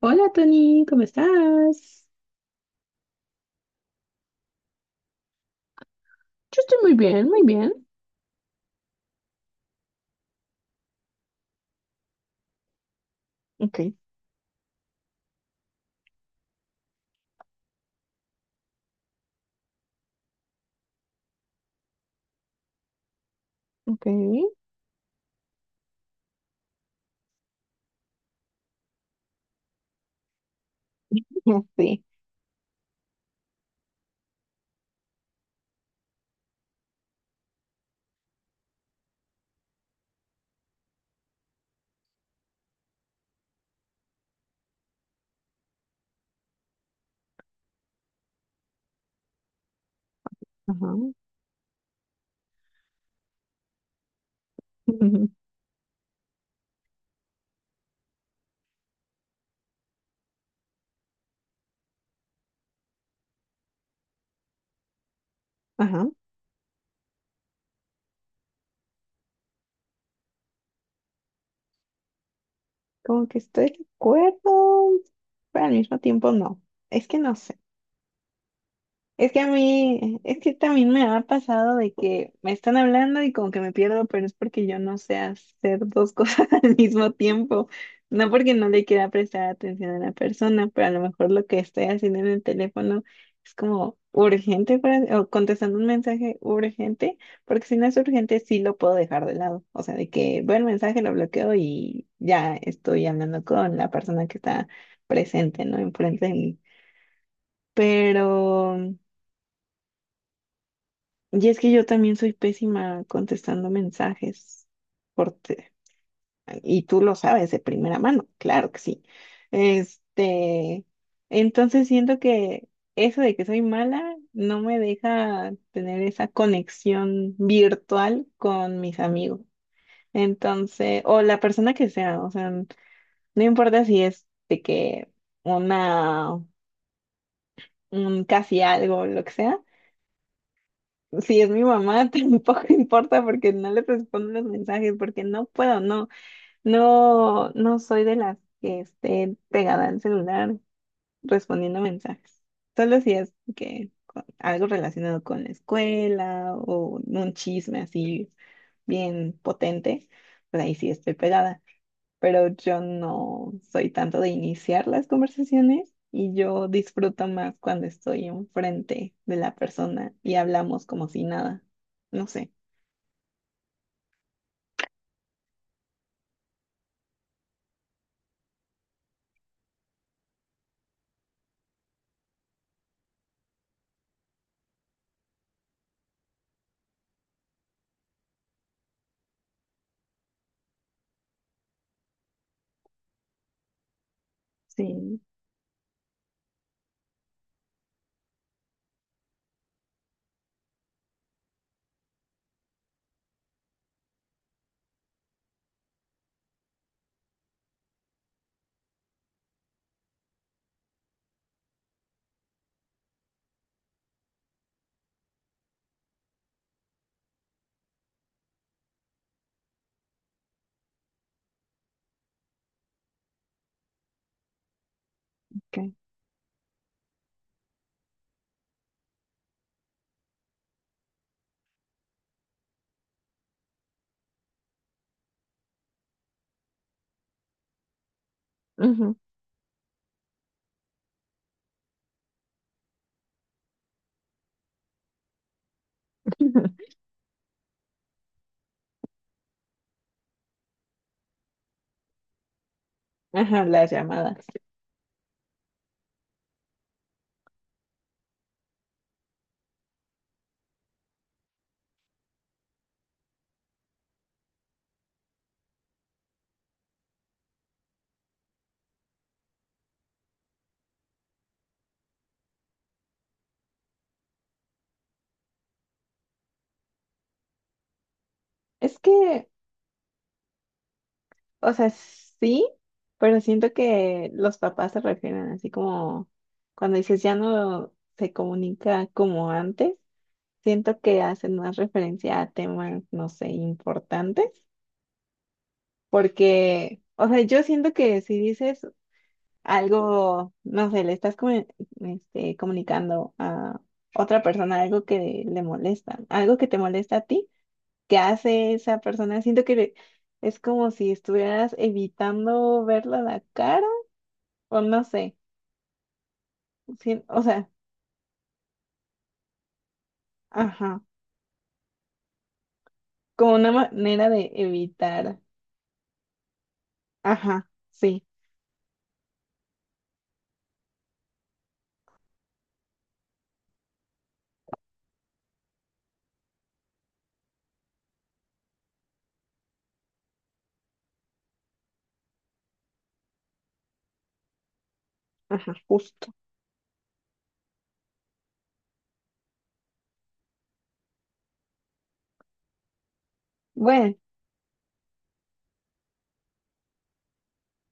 Hola Tony, ¿cómo estás? Yo estoy muy bien, muy bien. Ok, ok, ya, sí, ajá, ajá, como que estoy de acuerdo, pero al mismo tiempo no, es que no sé. Es que a mí, es que también me ha pasado de que me están hablando y como que me pierdo, pero es porque yo no sé hacer dos cosas al mismo tiempo. No porque no le quiera prestar atención a la persona, pero a lo mejor lo que estoy haciendo en el teléfono es como urgente o contestando un mensaje urgente, porque si no es urgente sí lo puedo dejar de lado. O sea, de que veo el mensaje, lo bloqueo y ya estoy hablando con la persona que está presente, ¿no? Enfrente de mí. Pero... Y es que yo también soy pésima contestando mensajes por te- y tú lo sabes de primera mano, claro que sí. Este, entonces siento que eso de que soy mala no me deja tener esa conexión virtual con mis amigos. Entonces, o la persona que sea, o sea, no importa si es de que una, un casi algo, lo que sea. Si es mi mamá, tampoco importa porque no le respondo los mensajes, porque no puedo, no soy de las que esté pegada al celular respondiendo mensajes. Solo si es que algo relacionado con la escuela o un chisme así bien potente, pues ahí sí estoy pegada, pero yo no soy tanto de iniciar las conversaciones y yo disfruto más cuando estoy enfrente de la persona y hablamos como si nada. No sé. Sí, ok. Ujú. Ajá, las llamadas. Es que, o sea, sí, pero siento que los papás se refieren así como cuando dices ya no se comunica como antes, siento que hacen más referencia a temas, no sé, importantes. Porque, o sea, yo siento que si dices algo, no sé, le estás comunicando a otra persona algo que le molesta, algo que te molesta a ti, que hace esa persona, siento que es como si estuvieras evitando verla la cara, o no sé, sí, o sea, ajá, como una manera de evitar, ajá, sí, ajá, justo. Bueno,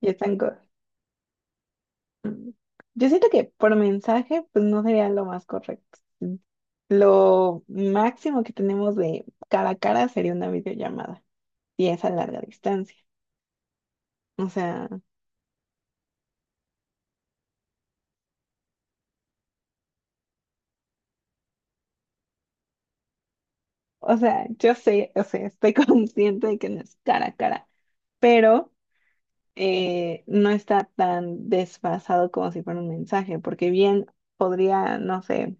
ya están. Mm, yo siento que por mensaje, pues no sería lo más correcto. Mm, lo máximo que tenemos de cara a cara sería una videollamada, y es a larga distancia. O sea, o sea, yo sé, o sea, estoy consciente de que no es cara a cara, pero no está tan desfasado como si fuera un mensaje, porque bien podría, no sé.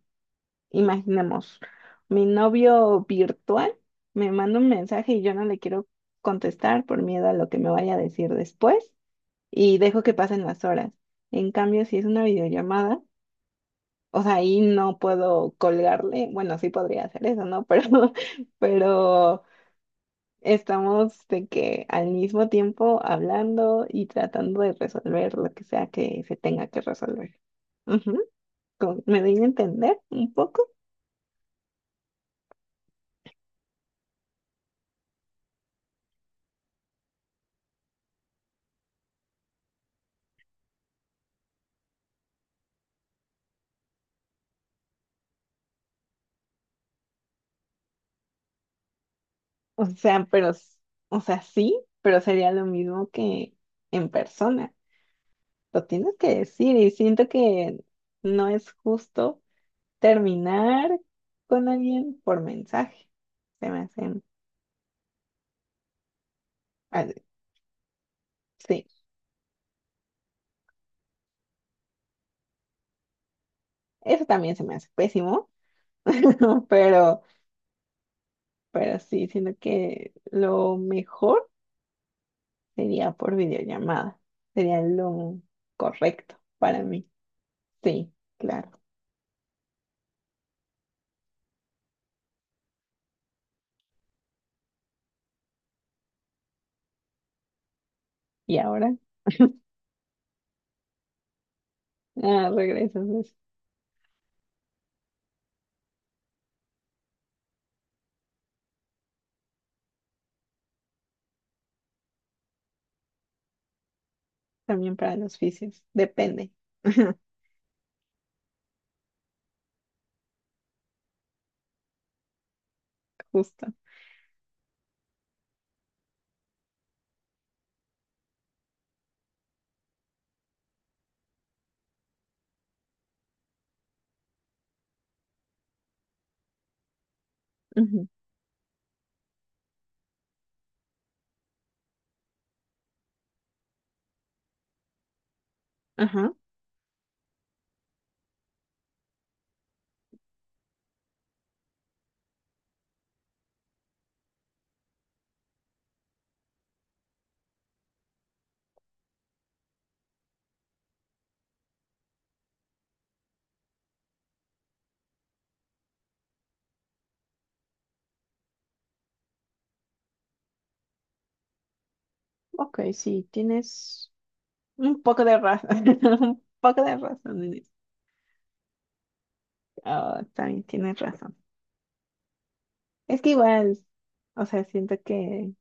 Imaginemos, mi novio virtual me manda un mensaje y yo no le quiero contestar por miedo a lo que me vaya a decir después y dejo que pasen las horas. En cambio, si es una videollamada, o sea, ahí no puedo colgarle, bueno, sí podría hacer eso, ¿no? Pero estamos de que al mismo tiempo hablando y tratando de resolver lo que sea que se tenga que resolver. Ujú, ¿me doy a entender un poco? O sea, pero, s- o sea, sí, pero sería lo mismo que en persona. Lo tienes que decir y siento que no es justo terminar con alguien por mensaje. Se me hacen, ah, sí, eso también se me hace pésimo, pero, pero sí, siento que lo mejor sería por videollamada. Sería lo correcto para mí. Sí, claro. Y ahora, ah, regresas. También para los fisios. Depende. Justo. Ujú. Ajá. Ok, sí, tienes un poco de razón. Un poco de razón en eso. Ah, también tienes razón. Es que igual, o sea, siento que,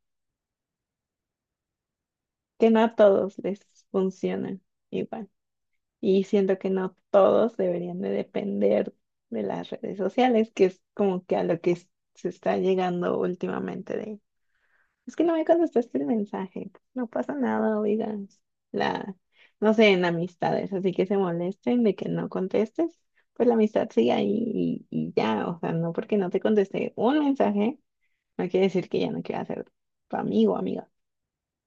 que no a todos les funciona igual. Y siento que no todos deberían de depender de las redes sociales, que es como que a lo que se está llegando últimamente de es que no me contestaste el mensaje. No pasa nada, oigan. La, no sé, en amistades, así que se molesten de que no contestes. Pues la amistad sigue ahí y ya. O sea, no porque no te contesté un mensaje, no quiere decir que ya no quiera ser tu amigo o amiga.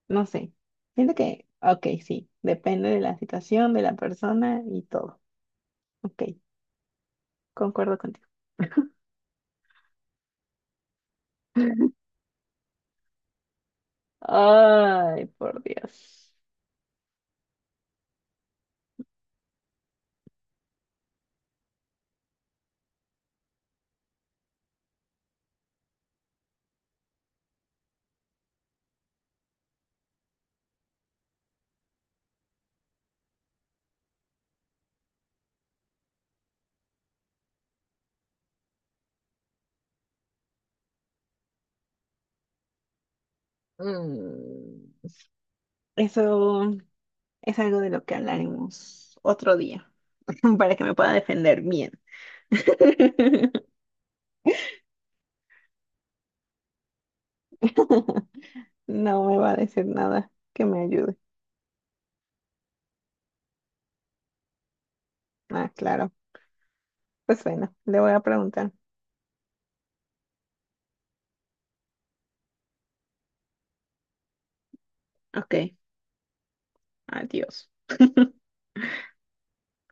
No sé. Siento que, ok, sí. Depende de la situación, de la persona y todo. Ok, concuerdo contigo. Ay, por Dios. Mm, eso. Es algo de lo que hablaremos otro día, para que me pueda defender bien. No me va a decir nada que me ayude. Ah, claro. Pues bueno, le voy a preguntar. Ok, adiós.